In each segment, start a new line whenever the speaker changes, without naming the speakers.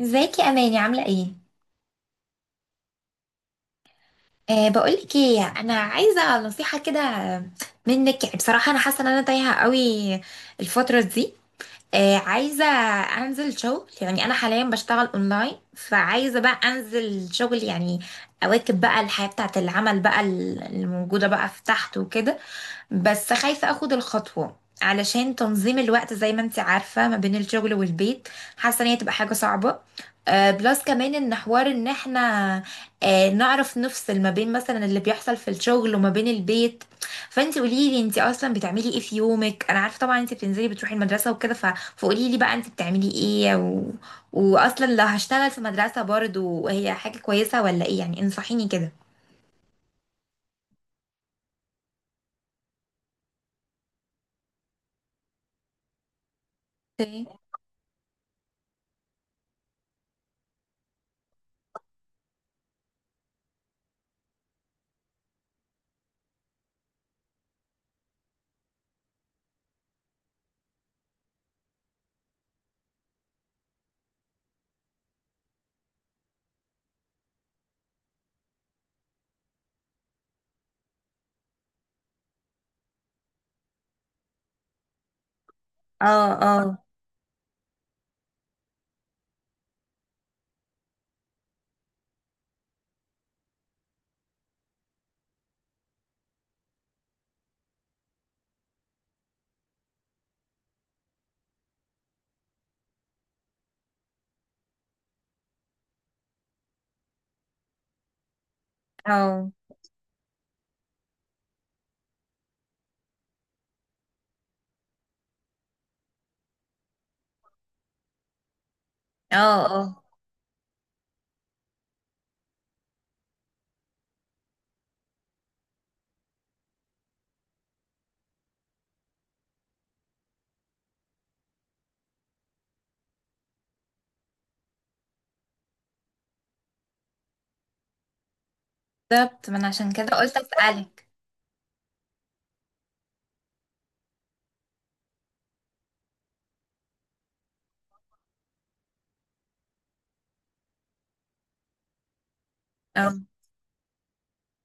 ازيك يا اماني، عامله ايه؟ بقولك ايه، انا عايزه نصيحه كده منك، يعني بصراحه انا حاسه ان انا تايهه قوي الفتره دي. عايزه انزل شغل، يعني انا حاليا بشتغل اونلاين، فعايزه بقى انزل شغل يعني اواكب بقى الحياه بتاعه العمل بقى الموجوده بقى في تحت وكده. بس خايفة اخد الخطوة علشان تنظيم الوقت، زي ما انت عارفة، ما بين الشغل والبيت. حاسة ان هي تبقى حاجة صعبة. بلس كمان ان حوار ان احنا نعرف نفصل ما بين مثلا اللي بيحصل في الشغل وما بين البيت. فانت قولي لي، انت اصلا بتعملي ايه في يومك؟ انا عارفة طبعا انت بتنزلي بتروحي المدرسة وكده، فقولي لي بقى انت بتعملي ايه، واصلا لو هشتغل في مدرسة برضو هي حاجة كويسة ولا ايه؟ يعني انصحيني كده. اوكي. اه، اه. اه، اه. اه، بالظبط، ما انا عشان كده قلت اسالك. اه،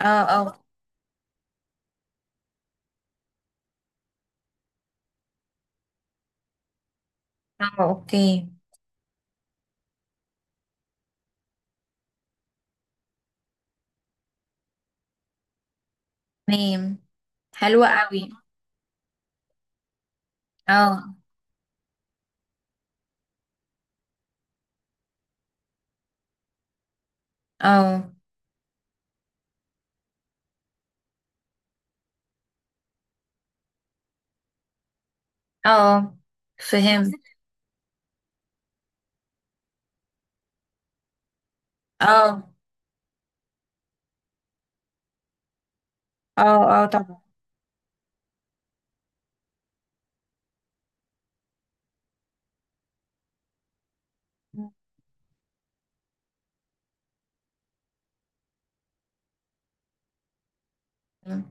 اه. اه، اه اوكي. تمام. حلوه قوي. اه، اه. اه، فهمت. اه، اه اه طبعا. اه،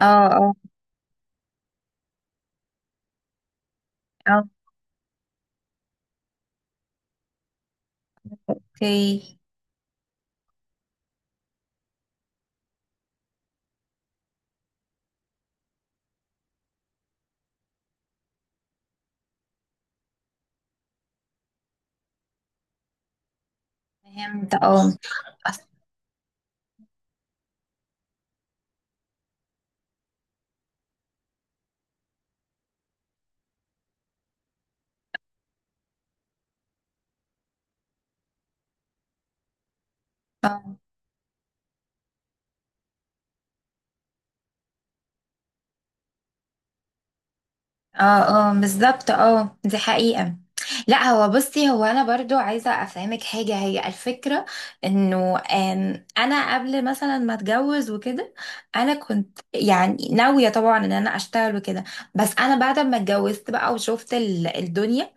اه. آه، اوكي. فهمت، اه. أص- اه، اه. اه، بالظبط اه، دي حقيقة. لا، هو بصي، هو انا برضو عايزة افهمك حاجة، هي الفكرة انه انا قبل مثلا ما اتجوز وكده انا كنت يعني ناوية طبعا ان انا اشتغل وكده. بس انا بعد ما اتجوزت بقى وشفت الدنيا.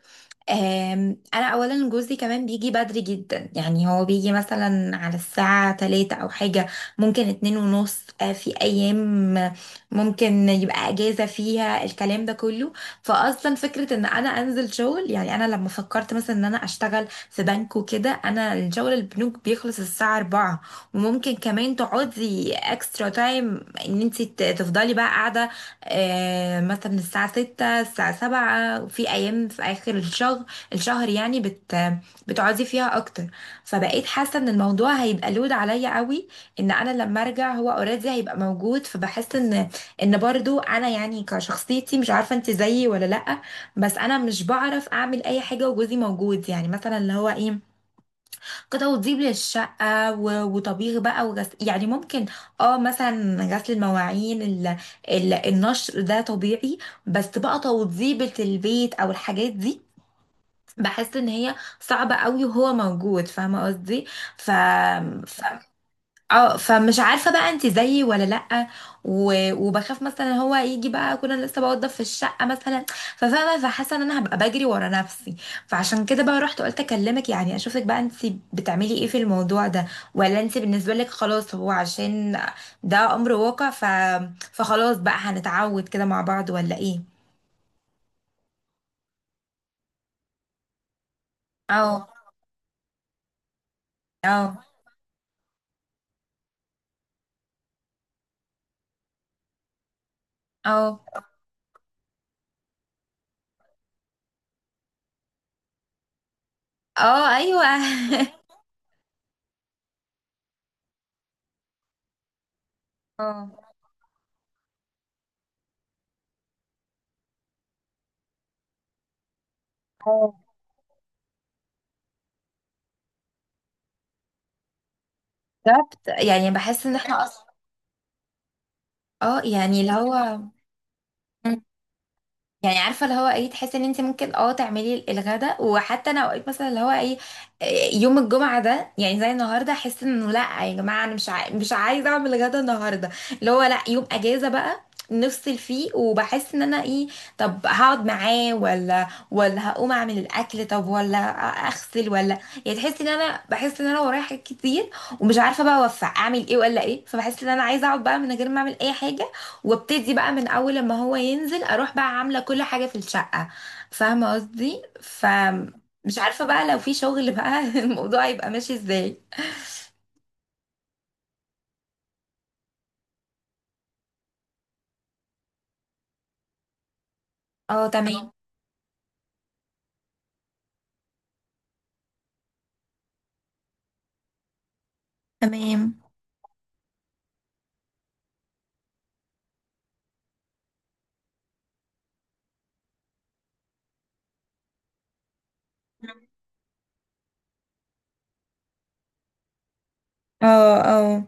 انا اولا جوزي كمان بيجي بدري جدا، يعني هو بيجي مثلا على الساعة تلاتة او حاجة، ممكن اتنين ونص. في ايام ممكن يبقى اجازة فيها الكلام ده كله. فاصلا فكرة ان انا انزل شغل، يعني انا لما فكرت مثلا ان انا اشتغل في بنك وكده، انا الشغل البنوك بيخلص الساعة 4، وممكن كمان تقعدي اكسترا تايم، ان انت تفضلي بقى قاعدة مثلا الساعة ستة الساعة سبعة في أيام في آخر الشهر. الشهر يعني بتقعدي فيها أكتر. فبقيت حاسة إن الموضوع هيبقى لود عليا قوي، إن أنا لما أرجع هو أوريدي هيبقى موجود. فبحس إن برضو أنا يعني كشخصيتي، مش عارفة أنت زيي ولا لأ، بس أنا مش بعرف أعمل أي حاجة وجوزي موجود. يعني مثلا اللي هو إيه كده، وتزيب للشقة وطبيخ بقى وغسل، يعني ممكن اه مثلا غسل المواعين النشر ده طبيعي. بس بقى توضيبة البيت او الحاجات دي بحس ان هي صعبة قوي وهو موجود، فاهمة قصدي؟ ف... ف... اه، فمش عارفه بقى انت زيي ولا لا. وبخاف مثلا هو يجي بقى كنا لسه بوضب في الشقه مثلا، ففاهمه، فحاسه ان انا هبقى بجري ورا نفسي. فعشان كده بقى رحت قلت اكلمك، يعني اشوفك بقى انت بتعملي ايه في الموضوع ده، ولا انت بالنسبه لك خلاص هو عشان ده امر واقع؟ فخلاص بقى هنتعود كده مع بعض ولا ايه؟ اه، اه. اه، اه ايوه اه، اه بالظبط، يعني بحس ان احنا اصلا. اه، يعني اللي هو يعني عارفه اللي هو ايه، تحسي ان انت ممكن اه تعملي الغداء، وحتى انا اوقات مثلا اللي هو ايه يوم الجمعه ده يعني زي النهارده احس انه لا يا جماعه، انا مش مش عايزه اعمل غدا النهارده، اللي هو لا، يوم اجازه بقى نفصل فيه. وبحس ان انا ايه، طب هقعد معاه، ولا هقوم اعمل الاكل، طب ولا اغسل ولا. يعني تحسي ان انا بحس ان انا ورايا حاجات كتير ومش عارفه بقى اوفق اعمل ايه ولا ايه. فبحس ان انا عايزه اقعد بقى من غير ما اعمل اي حاجه، وابتدي بقى من اول لما هو ينزل اروح بقى عامله كل حاجه في الشقه، فاهمه قصدي؟ فمش عارفه بقى لو في شغل بقى الموضوع هيبقى ماشي ازاي. اه تمام. تمام. اه، اه.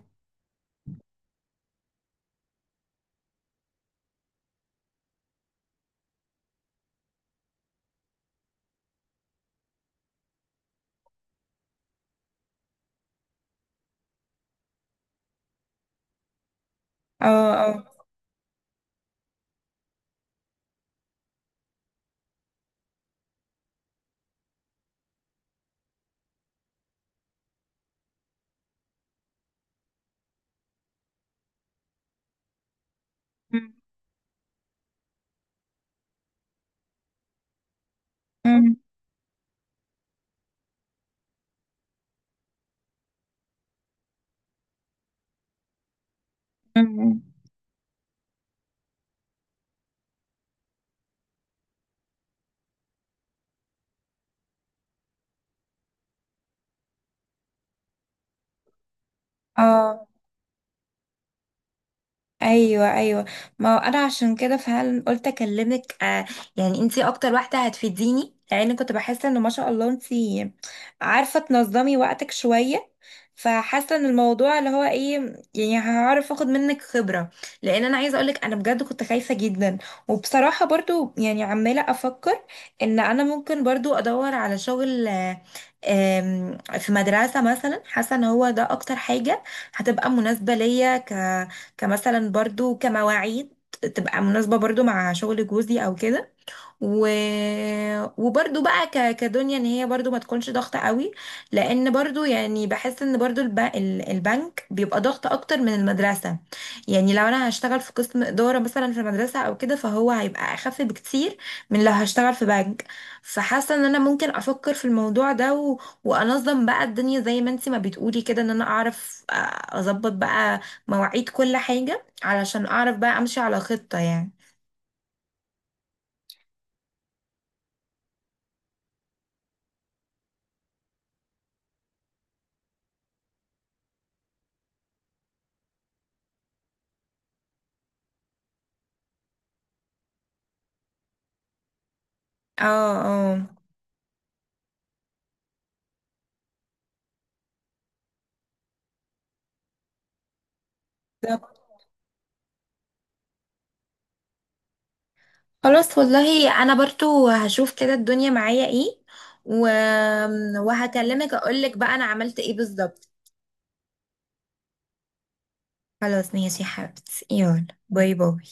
اه، اه. أم، أم، أم، أم. اه، ايوه، ايوه، ما هو انا عشان كده فعلا قلت اكلمك آه، يعني انتي اكتر واحده هتفيديني، لان كنت بحس ان ما شاء الله انتي عارفه تنظمي وقتك شويه. فحاسه ان الموضوع اللي هو ايه، يعني هعرف اخد منك خبره، لان انا عايزه اقولك انا بجد كنت خايفه جدا. وبصراحه برضو يعني عماله افكر ان انا ممكن برضو ادور على شغل في مدرسه مثلا. حاسه ان هو ده اكتر حاجه هتبقى مناسبه ليا كمثلا، برضو كمواعيد تبقى مناسبة برضو مع شغل جوزي او كده. و... وبرضو بقى كدنيا ان هي برضو ما تكونش ضغطة قوي، لان برضو يعني بحس ان برضو البنك بيبقى ضغط اكتر من المدرسة. يعني لو انا هشتغل في قسم ادارة مثلا في المدرسة او كده فهو هيبقى اخف بكتير من لو هشتغل في بنك. فحاسة ان انا ممكن افكر في الموضوع ده، وانظم بقى الدنيا زي ما انتي ما بتقولي كده، ان انا اعرف اظبط بقى مواعيد كل حاجة، علشان اعرف بقى امشي على خطة يعني. اه، اه بالظبط. خلاص، والله انا برضو هشوف كده الدنيا معايا ايه، و... وهكلمك اقولك بقى انا عملت ايه بالظبط. خلاص، ماشي يا حبيبتي، يلا، باي باي.